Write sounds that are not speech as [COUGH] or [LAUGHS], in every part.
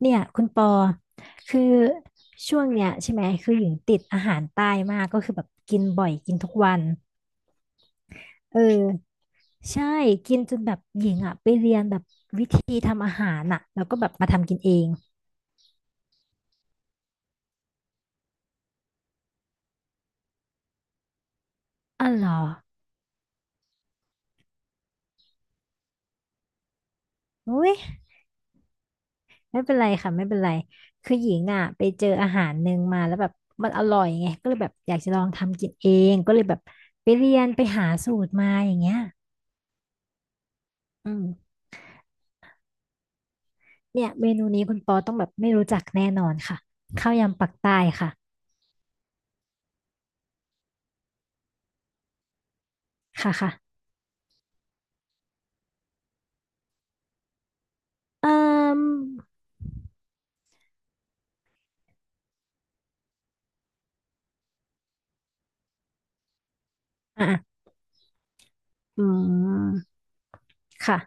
เนี่ยคุณปอคือช่วงเนี้ยใช่ไหมคือหญิงติดอาหารใต้มากก็คือแบบกินบ่อยกินทุกวันเออใช่กินจนแบบหญิงอ่ะไปเรียนแบบวิธีทำอาหารอ่ะแล้วก็แบบมาทำกินเองอ๋อเหรออุ้ยไม่เป็นไรค่ะไม่เป็นไรคือหญิงอ่ะไปเจออาหารหนึ่งมาแล้วแบบมันอร่อยไงก็เลยแบบอยากจะลองทำกินเองก็เลยแบบไปเรียนไปหาสูตรมาอย่างเงี้ยอืม เนี่ยเมนูนี้คุณปอต้องแบบไม่รู้จักแน่นอนค่ะข้าวยำปักใต้ค่ะค่ะค่ะเอ่มอ่ะอ่ะอืมค่ะ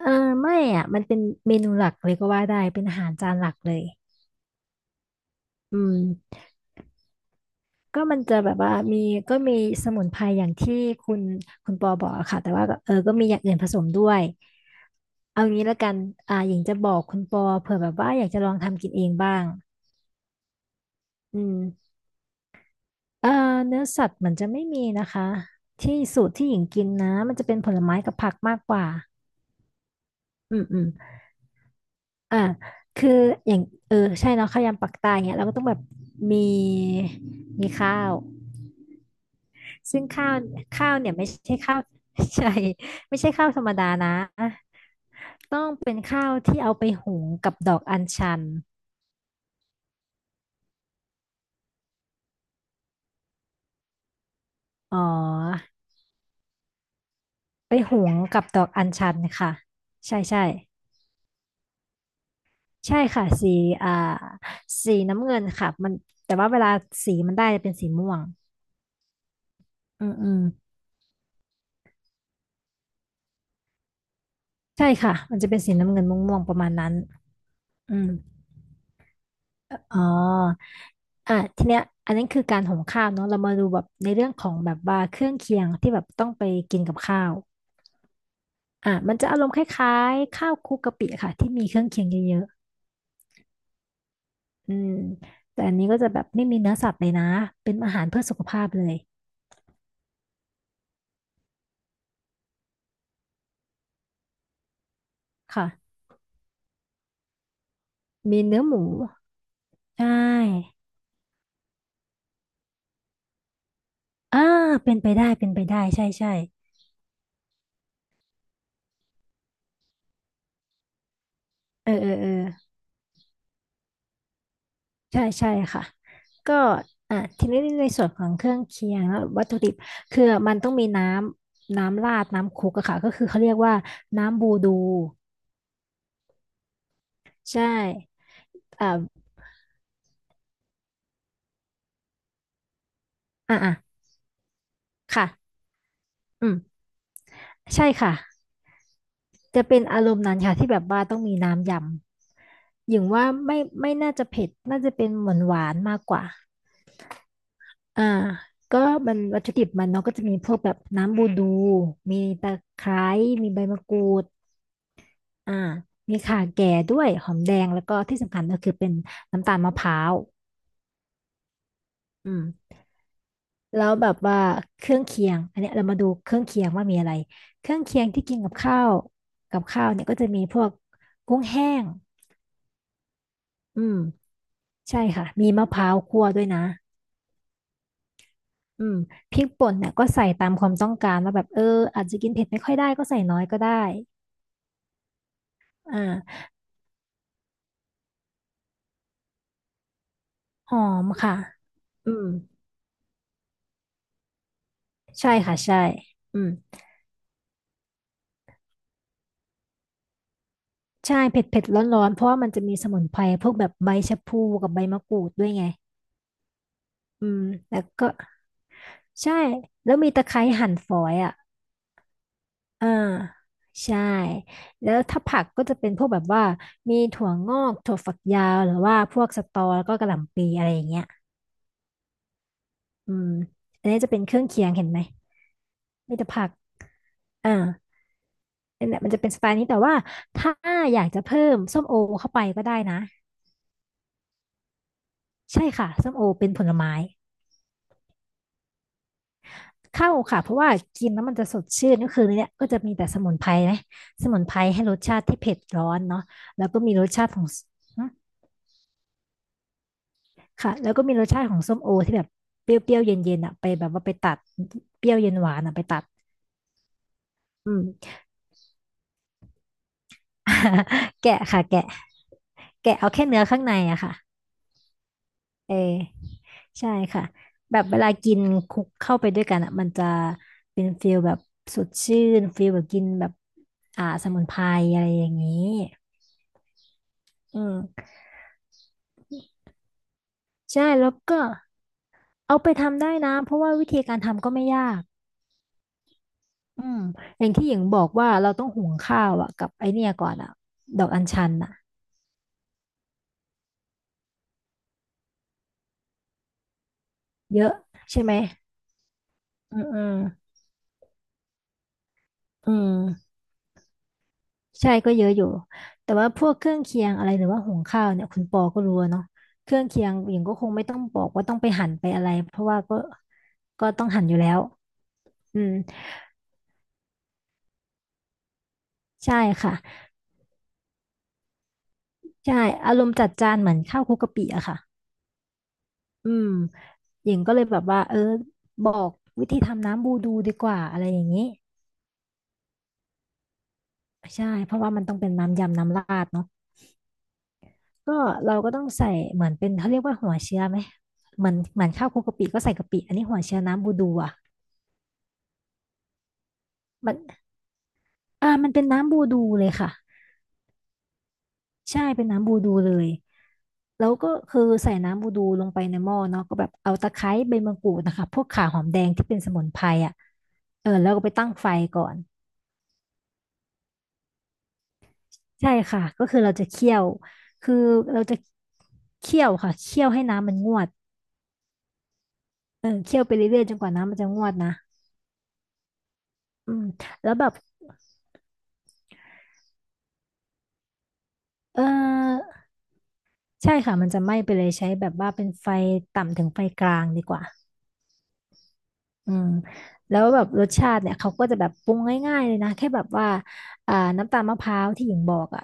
เออไม่อ่ะมันเป็นเมนูหลักเลยก็ว่าได้เป็นอาหารจานหลักเลยอืมก็มันจะแบบว่ามีก็มีสมุนไพรอย่างที่คุณคุณปอบอกอะค่ะแต่ว่าก็เออก็มีอย่างอื่นผสมด้วยเอางี้ละกันอ่าหญิงจะบอกคุณปอเผื่อแบบว่าอยากจะลองทำกินเองบ้างอืม เอ่อเนื้อสัตว์มันจะไม่มีนะคะที่สูตรที่หญิงกินนะมันจะเป็นผลไม้กับผักมากกว่าอืมอืมอ่าคืออย่างเออใช่เนาะข้าวยำปักใตายเนี่ยเราก็ต้องแบบมีมีข้าวซึ่งข้าวเนี่ยไม่ใช่ข้าว [LAUGHS] ใช่ไม่ใช่ข้าวธรรมดานะต้องเป็นข้าวที่เอาไปหุงกับดอกอัญชันอ๋อไปหุงกับดอกอัญชันค่ะใช่ใช่ ใช่ค่ะสีอ่าสีน้ำเงินค่ะมันแต่ว่าเวลาสีมันได้จะเป็นสีม่วงอืมอืมใช่ค่ะมันจะเป็นสีน้ำเงินม่วงๆประมาณนั้นอืมอ๋ออ่ะทีเนี้ยอันนั้นคือการหุงข้าวเนาะเรามาดูแบบในเรื่องของแบบว่าเครื่องเคียงที่แบบต้องไปกินกับข้าวอ่ะมันจะอารมณ์คล้ายๆข้าวคลุกกะปิค่ะที่มีเครื่องเคียงเยอะๆอืมแต่อันนี้ก็จะแบบไม่มีเนื้อสัตว์เลยนะเป็นอาหารเพื่อสุขภาพเลยค่ะมีเนื้อหมูใช่ อ่าเป็นไปได้เป็นไปได้ใช่ใช่เออเออเออใช่ใช่ค่ะก็อ่ะทีนี้ในส่วนของเครื่องเคียงแล้ววัตถุดิบคือมันต้องมีน้ำราดน้ำคลุกอะค่ะก็คือเขาเรียกว่าน้ำบูดูใช่อ่าอ่าอ่ะค่ะอืมใช่ค่ะจะเป็นอารมณ์นั้นค่ะที่แบบว่าต้องมีน้ำยำอย่างว่าไม่น่าจะเผ็ดน่าจะเป็นหวานหวานมากกว่า อ่าก็มันวัตถุดิบมันเนาะก็จะมีพวกแบบน้ำบูดูมีตะไคร้มีใบมะกรูดอ่ามีข่าแก่ด้วยหอมแดงแล้วก็ที่สำคัญก็คือเป็นน้ำตาลมะพร้าวอืมแล้วแบบว่าเครื่องเคียงอันเนี้ยเรามาดูเครื่องเคียงว่ามีอะไรเครื่องเคียงที่กินกับข้าวกับข้าวเนี่ยก็จะมีพวกกุ้งแห้งอืมใช่ค่ะมีมะพร้าวคั่วด้วยนะอืมพริกป่นเนี่ยก็ใส่ตามความต้องการว่าแบบเอออาจจะกินเผ็ดไม่ค่อยได้ก็ใส่น้อยก็ได้อ่า หอมค่ะ อืม ใช่ค่ะ ใช่อืมใช่เผ็ดเผ็ดร้อนร้อนๆเพราะว่ามันจะมีสมุนไพรพวกแบบใบชะพลูกับใบมะกรูดด้วยไงอืมแล้วก็ใช่ แล้วมีตะไคร้หั่นฝอยอ่ะอ่าใช่ แล้วถ้าผักก็จะเป็นพวกแบบว่ามีถั่วงอกถั่วฝักยาว หรือว่าพวกสตอแล้วก็กะหล่ำปีอะไรอย่างเงี้ยอืมอันนี้จะเป็นเครื่องเคียงเห็นไหมมีแต่ผักอ่าเนี่ยมันจะเป็นสไตล์นี้แต่ว่าถ้าอยากจะเพิ่มส้มโอเข้าไปก็ได้นะ ใช่ค่ะส้มโอเป็นผลไม้เข้าค่ะเพราะว่ากินแล้วมันจะสดชื่นก็คือเนี่ยก็จะมีแต่สมุนไพรนะสมุนไพรให้รสชาติที่เผ็ดร้อนเนาะแล้วก็มีรสชาติของสหึค่ะแล้วก็มีรสชาติของส้มโอที่แบบเปรี้ยวๆเย็นๆอ่ะไปแบบว่าไปตัดเปรี้ยวเย็นหวานอ่ะไปตัดอืม [LAUGHS] แกะค่ะแกะแกะเอาแค่เนื้อข้างในอะค่ะ เออใช่ค่ะแบบเวลากินคลุกเข้าไปด้วยกันอ่ะมันจะเป็นฟีลแบบสดชื่นฟีลแบบกินแบบอ่าสมุนไพรอะไรอย่างนี้อืมใช่แล้วก็เอาไปทำได้นะเพราะว่าวิธีการทำก็ไม่ยากอืมอย่างที่หญิงบอกว่าเราต้องหุงข้าวอ่ะกับไอเนี่ยก่อนอ่ะดอกอัญชันอ่ะเยอะใช่ไหมอืมอืมอืม ใช่ก็เยอะอยู่แต่ว่าพวกเครื่องเคียงอะไรหรือว่าหุงข้าวเนี่ยคุณปอก็รู้อะเนาะเครื่องเคียงหญิงก็คงไม่ต้องบอกว่าต้องไปหั่นไปอะไรเพราะว่าก็ต้องหั่นอยู่แล้วอืมใช่ค่ะใช่อารมณ์จัดจานเหมือนข้าวคลุกกะปิอะค่ะอืมหญิงก็เลยแบบว่าเออบอกวิธีทำน้ำบูดูดีกว่าอะไรอย่างนี้ใช่เพราะว่ามันต้องเป็นน้ำยำน้ำราดเนาะก็เราก็ต้องใส่เหมือนเป็นเขาเรียกว่าหัวเชื้อไหมเหมือนข้าวคลุกกะปิก็ใส่กะปิอันนี้หัวเชื้อน้ำบูดูอะมัน มันเป็นน้ำบูดูเลยค่ะใช่เป็นน้ำบูดูเลยแล้วก็คือใส่น้ำบูดูลงไปในหม้อเนาะก็แบบเอาตะไคร้ใบมะกรูดนะคะพวกข่าหอมแดงที่เป็นสมุนไพรอ่ะเออแล้วก็ไปตั้งไฟก่อนใช่ค่ะก็คือเราจะเคี่ยวคือเราจะเคี่ยวค่ะเคี่ยวให้น้ำมันงวดเออเคี่ยวไปเรื่อยๆจนกว่าน้ำมันจะงวดนะอืมแล้วแบบเออใช่ค่ะมันจะไหม้ไปเลยใช้แบบว่าเป็นไฟต่ำถึงไฟกลางดีกว่า อืมแล้วแบบรสชาติเนี่ยเขาก็จะแบบปรุงง่ายๆเลยนะแค่แบบว่าอ่าน้ำตาลมะพร้าวที่หญิงบอกอ่ะ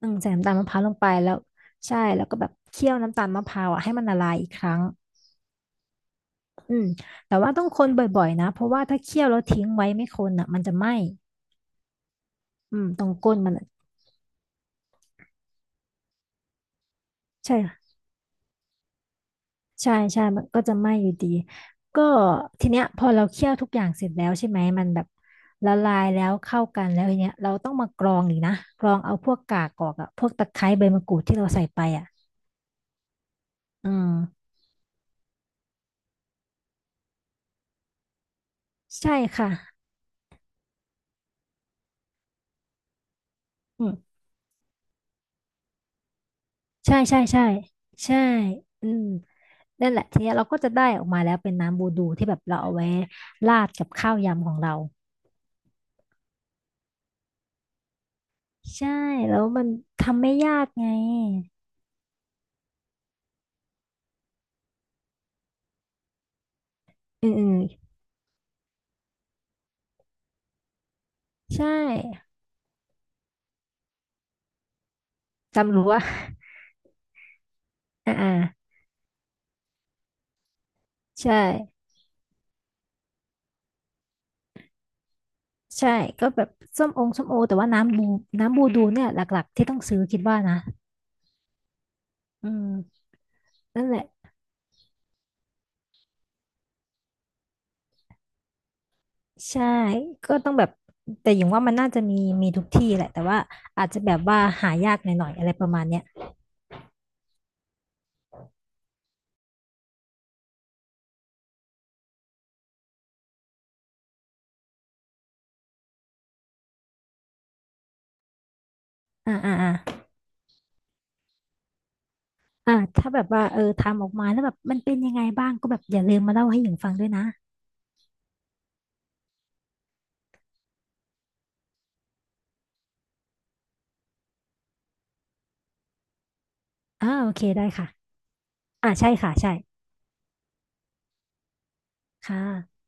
อืมใส่น้ำตาลมะพร้าวลงไปแล้วใช่แล้วก็แบบเคี่ยวน้ำตาลมะพร้าวอ่ะให้มันละลายอีกครั้งอืมแต่ว่าต้องคนบ่อยๆนะเพราะว่าถ้าเคี่ยวแล้วทิ้งไว้ไม่คนอ่ะมันจะไหม้อืมตรงก้นมันอะใช่ ใช่ใช่ มันก็จะไหม้อยู่ดี ก็ทีเนี้ยพอเราเคี่ยวทุกอย่างเสร็จแล้วใช่ไหมมันแบบละลายแล้วเข้ากันแล้วทีเนี้ยเราต้องมากรองอีกนะกรองเอาพวกกากออกอะพวกตะไคร้ใบมะกรูดที่เราใส่ไปอะอืมใช่ค่ะอืมใช่ใช่ใช่ใช่อืมนั่นแหละทีเนี้ยเราก็จะได้ออกมาแล้วเป็นน้ำบูดูที่แบบเราเอาไว้ราดกับข้าวยำของเราใช่แล้วมันทำไม่ยากไงอืมอืมใช่จำรู้ว่า [LAUGHS] อ่า ใช่ใช่ก็แบบส้มองส้มโอแต่ว่าน้ำบูน้ำบูดูเนี่ยหลักๆที่ต้องซื้อคิดว่านะอืมนั่นแหละใช่ก็ต้องแบบแต่อย่างว่ามันน่าจะมีมีทุกที่แหละแต่ว่าอาจจะแบบว่าหายากหน่อยๆอะไรประมาณเนี้ยอ่าอ่าอ่าอ่าถ้าแบบว่าเออทำออกมาแล้วแบบมันเป็นยังไงบ้างก็แบบอย่าลืมมาเล่าให้หญิงฟังด้วยนะอ่าโอเคได้ค่ะอ่าใช่ค่ะใช่ค่ะ